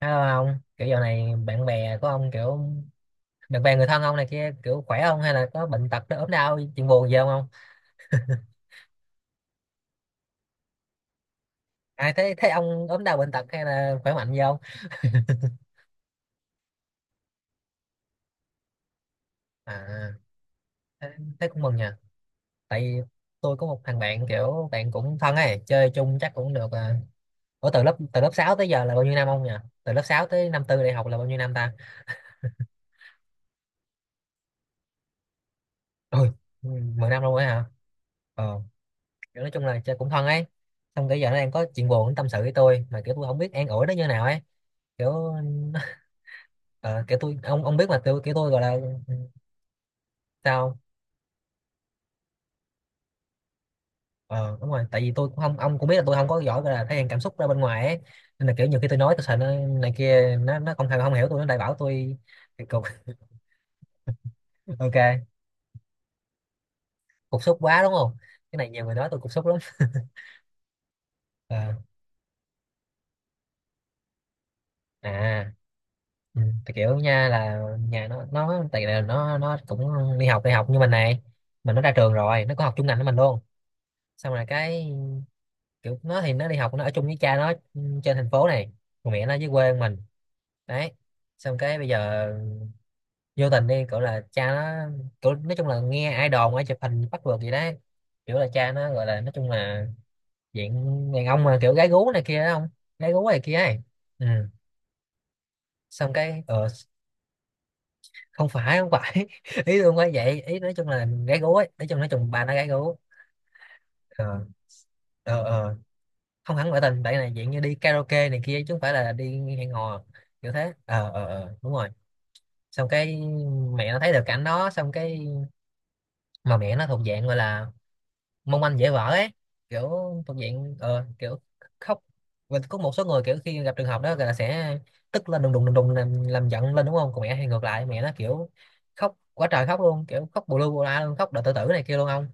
Hello ông, kiểu giờ này bạn bè của ông kiểu bạn bè người thân ông này kia kiểu khỏe không hay là có bệnh tật nó ốm đau chuyện buồn gì không ông? À thế thế ông ốm đau bệnh tật hay là khỏe mạnh gì không? À thế, thế cũng mừng nha. Tại vì tôi có một thằng bạn kiểu bạn cũng thân ấy, chơi chung chắc cũng được à. Ủa từ lớp 6 tới giờ là bao nhiêu năm ông nhỉ? Từ lớp 6 tới năm tư đại học là bao nhiêu năm ta? Ôi, 10 năm luôn ấy hả? Ờ, kiểu nói chung là chơi cũng thân ấy, xong cái giờ nó đang có chuyện buồn nó tâm sự với tôi mà kiểu tôi không biết an ủi nó như nào ấy, kiểu ờ, kiểu tôi ông biết mà tôi kiểu tôi gọi là ừ, sao không? Ờ Đúng rồi, tại vì tôi cũng không, ông cũng biết là tôi không có giỏi gọi là thể hiện cảm xúc ra bên ngoài ấy, nên là kiểu nhiều khi tôi nói tôi sợ nó này kia, nó không thèm không hiểu tôi nó lại bảo tôi cục. Ok, cục xúc quá đúng không, cái này nhiều người nói tôi cục xúc lắm. Ờ, à, ừ, tại kiểu nha là nhà nó tại là nó cũng đi học như mình này, mình nó ra trường rồi nó có học chung ngành với mình luôn, xong rồi cái kiểu nó thì nó đi học nó ở chung với cha nó trên thành phố này, còn mẹ nó dưới quê mình đấy. Xong cái bây giờ vô tình đi kiểu là cha nó kiểu nói chung là nghe ai đồn ai chụp hình bắt vượt gì đấy, kiểu là cha nó gọi là nói chung là diện đàn ông mà kiểu gái gú này kia đó không, gái gú này kia ấy. Ừ, xong cái không phải không phải ý tôi không phải vậy, ý nói chung là gái gú ấy, nói chung bà nó gái gú. ờ ờ ờ Không hẳn ngoại tình bạn này, dạng như đi karaoke này kia chứ không phải là đi hẹn hò, kiểu thế. Ờ Đúng rồi. Xong cái mẹ nó thấy được cảnh đó, xong cái mà mẹ nó thuộc dạng gọi là mong manh dễ vỡ ấy, kiểu thuộc diện kiểu khóc. Và có một số người kiểu khi gặp trường hợp đó là sẽ tức lên đùng đùng đùng đùng làm giận lên đúng không, còn mẹ, hay ngược lại mẹ nó kiểu khóc quá trời khóc luôn, kiểu khóc bù lu bù la luôn, khóc đợi tự tử này kia luôn ông.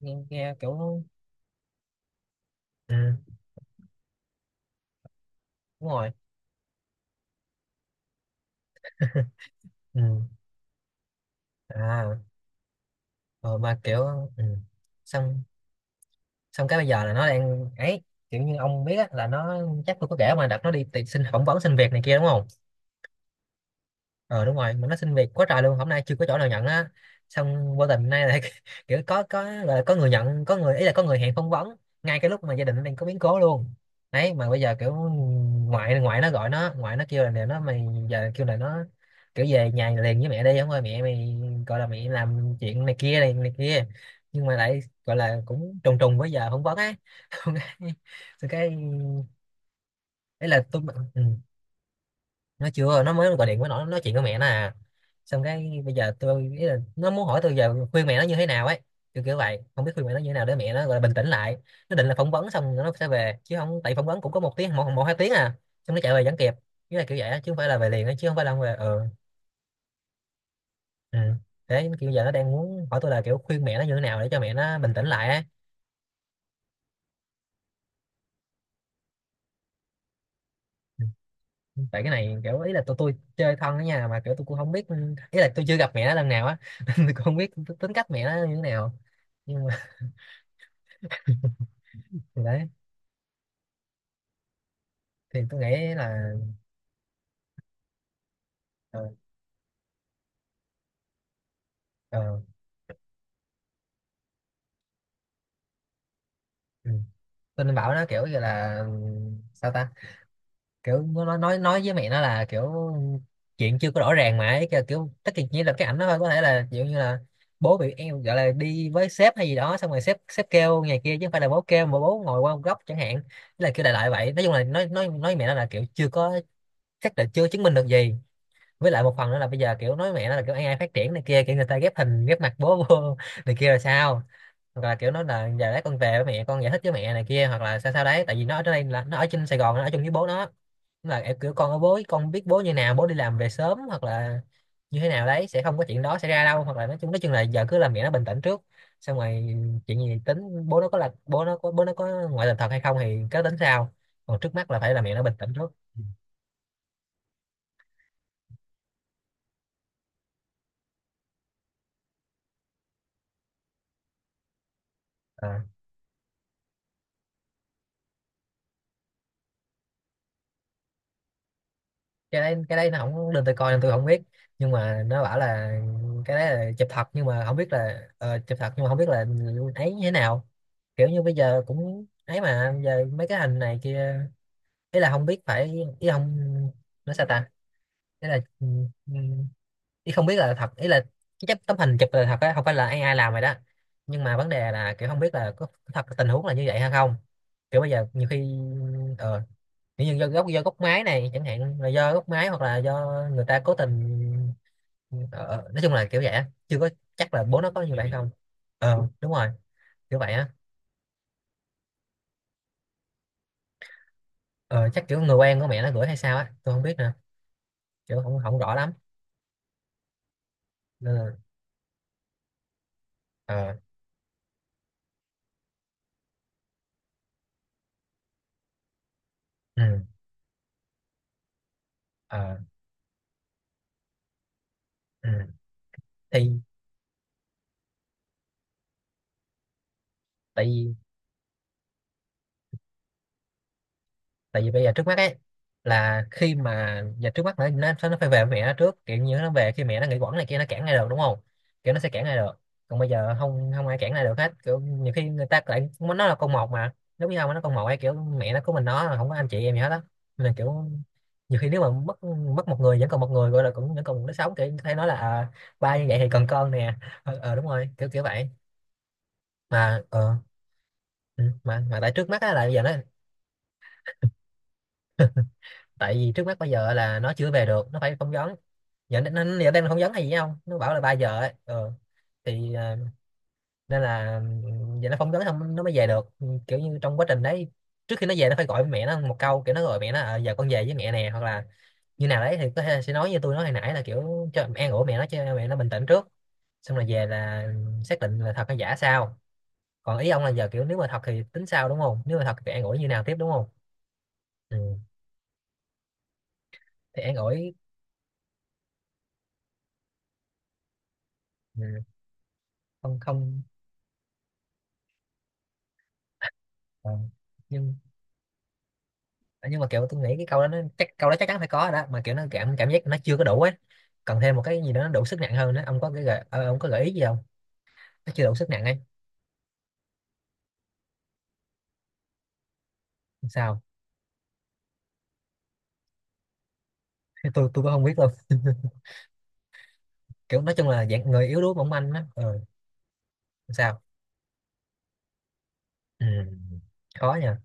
Nghe kiểu ừ, đúng rồi. Ừ. À, ờ, mà kiểu ừ. Xong xong cái bây giờ là nó đang ấy, kiểu như ông biết á, là nó chắc tôi có kể mà, đặt nó đi tìm xin phỏng vấn xin việc này kia đúng không. Ờ đúng rồi, mà nó xin việc quá trời luôn, hôm nay chưa có chỗ nào nhận á, xong vô tình hôm nay lại kiểu có gọi là có người nhận, có người ý là có người hẹn phỏng vấn ngay cái lúc mà gia đình nó đang có biến cố luôn đấy. Mà bây giờ kiểu ngoại, ngoại nó gọi nó, ngoại nó kêu là nè nó, mày giờ kêu là nó kiểu về nhà liền với mẹ đi không ơi, mẹ mày gọi là mẹ làm chuyện này kia này này kia, nhưng mà lại gọi là cũng trùng trùng với giờ phỏng vấn á. Xong cái xong cái ý là tôi ừ, nó chưa, nó mới gọi điện với nó nói chuyện với mẹ nó à, xong cái bây giờ tôi ý là nó muốn hỏi tôi giờ khuyên mẹ nó như thế nào ấy, kiểu kiểu vậy, không biết khuyên mẹ nó như thế nào để mẹ nó gọi là bình tĩnh lại. Nó định là phỏng vấn xong rồi nó sẽ về chứ không, tại phỏng vấn cũng có một tiếng, một hai tiếng à, xong nó chạy về vẫn kịp, nghĩa là kiểu vậy á, chứ không phải là về liền á, chứ không phải là không về. Ừ. Ừ. Thế kiểu giờ nó đang muốn hỏi tôi là kiểu khuyên mẹ nó như thế nào để cho mẹ nó bình tĩnh lại á. Ừ, tại cái này kiểu ý là tôi chơi thân ở nhà mà kiểu tôi cũng không biết, ý là tôi chưa gặp mẹ nó lần nào á nên tôi cũng không biết tính cách mẹ nó như thế nào, nhưng thì đấy thì tôi nghĩ là ờ, ờ, ừ, tôi nên bảo nó kiểu như là sao ta, kiểu nó nói với mẹ nó là kiểu chuyện chưa có rõ ràng mà ấy, kiểu, kiểu tất cả chỉ là cái ảnh nó thôi, có thể là kiểu như là bố bị em gọi là đi với sếp hay gì đó, xong rồi sếp sếp kêu ngày kia chứ không phải là bố kêu, mà bố ngồi qua một góc chẳng hạn. Thế là kiểu đại loại vậy, nói chung là nói với mẹ nó là kiểu chưa có chắc là chưa chứng minh được gì. Với lại một phần nữa là bây giờ kiểu nói với mẹ nó là kiểu AI phát triển này kia, kiểu người ta ghép hình ghép mặt bố vô này kia là sao, hoặc là kiểu nó là giờ đấy con về với mẹ, con giải thích với mẹ này kia, hoặc là sao sao đấy, tại vì nó ở đây là nó ở trên Sài Gòn nó ở chung với bố nó. Nên là em kiểu con ở bố, con biết bố như nào, bố đi làm về sớm hoặc là như thế nào đấy, sẽ không có chuyện đó xảy ra đâu, hoặc là nói chung là giờ cứ làm mẹ nó bình tĩnh trước, xong rồi chuyện gì tính. Bố nó có là bố nó có ngoại tình thật hay không thì cứ tính sau, còn trước mắt là phải là mẹ nó bình tĩnh trước. Ờ. Cái đấy nó không, nên tôi coi, nên tôi không biết, nhưng mà nó bảo là cái đấy là chụp thật, nhưng mà không biết là chụp thật nhưng mà không biết là ấy như thế nào, kiểu như bây giờ cũng ấy, mà bây giờ mấy cái hình này kia ý là không biết phải, ý là không, nó sao ta, ý là ừ, ý không biết là thật, ý là cái chấp- tấm hình chụp là thật á, không phải là AI ai làm rồi đó, nhưng mà vấn đề là kiểu không biết là có thật tình huống là như vậy hay không, kiểu bây giờ nhiều khi ờ, kiểu như do gốc máy này chẳng hạn, là do gốc máy hoặc là do người ta cố tình, ờ, nói chung là kiểu vậy á. Chưa có chắc là bố nó có như vậy không. Ờ đúng rồi, kiểu vậy á. Ờ chắc kiểu người quen của mẹ nó gửi hay sao á, tôi không biết nè, kiểu không không rõ lắm, nên là ờ ừ ờ ừ thì tại vì tại vì bây giờ trước mắt ấy là khi mà giờ trước mắt nó phải về với mẹ nó trước, kiểu như nó về khi mẹ nó nghỉ quẩn này kia nó cản lại được đúng không, kiểu nó sẽ cản lại được, còn bây giờ không, không ai cản lại được hết, kiểu nhiều khi người ta lại muốn nó là con một mà, lúc với nhau mà nó con một ấy, kiểu mẹ nó của mình nó mà không có anh chị em gì hết á, nên là kiểu nhiều khi nếu mà mất, mất một người vẫn còn một người gọi là cũng vẫn còn, nó sống kiểu thấy nói là à, ba như vậy thì còn con nè. Ờ ờ, đúng rồi, kiểu kiểu vậy mà. Ờ ừ, mà tại trước mắt á là bây giờ nó, tại vì trước mắt bây giờ là nó chưa về được, nó phải phỏng vấn. Nó giờ đang phỏng vấn hay gì không, nó bảo là 3 giờ ấy. Ừ. Thì à, nên là ừ, giờ nó phỏng vấn xong nó mới về được. Ừ, kiểu như trong quá trình đấy trước khi nó về, nó phải gọi với mẹ nó một câu. Kiểu nó gọi mẹ nó à, giờ con về với mẹ nè, hoặc là như nào đấy thì có thể là sẽ nói như tôi nói hồi nãy, là kiểu cho an ủi mẹ nó, cho mẹ nó bình tĩnh trước, xong rồi về là xác định là thật hay giả sao. Còn ý ông là giờ kiểu nếu mà thật thì tính sao đúng không, nếu mà thật thì an ủi như nào tiếp đúng không. Ừ. Thì an ủi. Ừ. Không không. Ờ. Nhưng ờ, nhưng mà kiểu tôi nghĩ cái câu đó nó chắc câu đó chắc chắn phải có rồi đó, mà kiểu nó cảm cảm giác nó chưa có đủ ấy, cần thêm một cái gì đó nó đủ sức nặng hơn nữa. Ông có cái gợi ờ, ông có gợi ý gì không? Nó chưa đủ sức nặng ấy. Sao? Tôi cũng không biết luôn kiểu nói chung là dạng người yếu đuối mỏng manh á. Ừ. Sao? Ừ. Khó nha.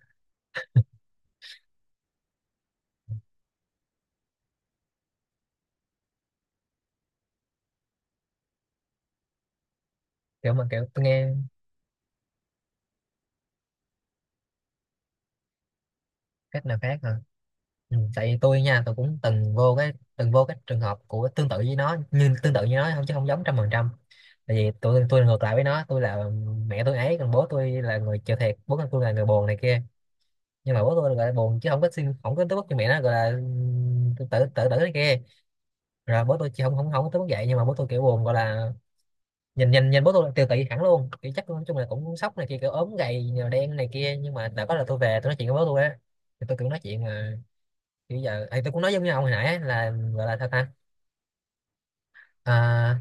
Kiểu mà kiểu tôi nghe. Cách nào khác hả? Ừ, tại vì tôi nha tôi cũng từng vô cái trường hợp của tương tự với nó, nhưng tương tự như nó không, chứ không giống trăm phần trăm. Tại vì tôi ngược lại với nó, tôi là mẹ tôi ấy, còn bố tôi là người chịu thiệt, bố tôi là người buồn này kia. Nhưng mà bố tôi gọi là buồn chứ không có xin không có tới mức như mẹ nó gọi là tự tự tự tử này kia. Rồi bố tôi chỉ không không không có tới mức vậy, nhưng mà bố tôi kiểu buồn gọi là nhìn nhìn nhìn bố tôi là tiêu tụy hẳn luôn, kiểu chắc nói chung là cũng sốc này kia, kiểu ốm gầy nhờ đen này kia. Nhưng mà đã có là tôi về tôi nói chuyện với bố tôi á, thì tôi kiểu nói chuyện mà kiểu giờ ấy, tôi cũng nói giống như ông hồi nãy ấy, là gọi là sao ta. À,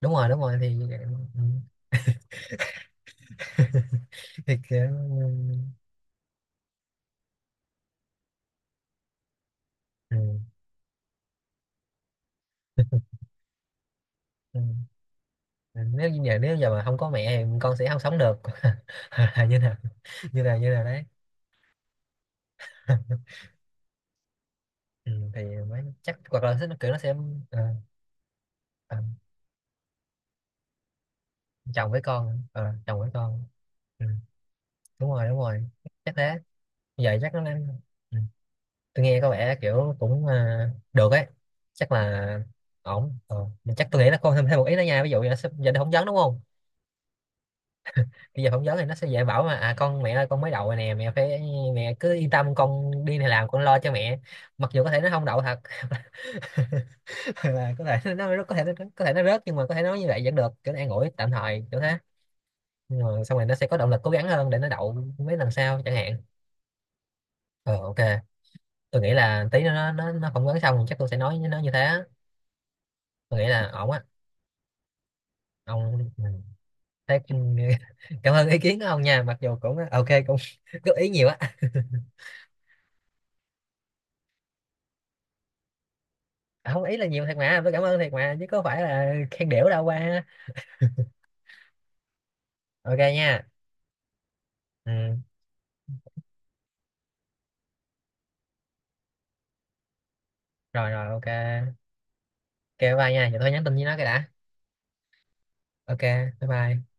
đúng rồi thì ừ, thì kiểu ừ, ừ. Ừ, nếu như giờ nếu giờ mà không có mẹ thì con sẽ không sống được như nào như nào như nào đấy ừ, thì mới chắc hoặc là nó kiểu nó sẽ ờ, ờ, chồng với con. Ờ, chồng với con. Ừ, đúng rồi chắc thế. Giờ chắc nó đang. Ừ. Tôi nghe có vẻ kiểu cũng à, được ấy, chắc là ổn ờ. Mình chắc tôi nghĩ là con thêm thêm một ý nữa nha. Ví dụ giờ, giờ đi phỏng vấn đúng không? Bây giờ phỏng vấn thì nó sẽ dễ bảo mà, à con mẹ ơi con mới đậu rồi nè mẹ, phải mẹ cứ yên tâm con đi này làm con lo cho mẹ, mặc dù có thể nó không đậu thật Hoặc là có thể nó rớt, nhưng mà có thể nói như vậy vẫn được kiểu nó an ủi tạm thời kiểu thế. Nhưng mà xong rồi nó sẽ có động lực cố gắng hơn để nó đậu mấy lần sau chẳng hạn. Ờ, ok. Tôi nghĩ là tí nó nó phỏng vấn xong chắc tôi sẽ nói với nó như thế á. Tôi nghĩ là ổn á. Ông. Ừ. Thế, ừ, cảm ơn ý kiến của ông nha, mặc dù cũng ok cũng góp ý nhiều á. À, không ý là nhiều thiệt mà, tôi cảm ơn thiệt mà chứ có phải là khen đểu đâu qua. Ok nha. Ừ. Rồi rồi, ok. Ok, bye bye nha, giờ tôi nhắn tin với nó cái đã. Ok. Bye bye.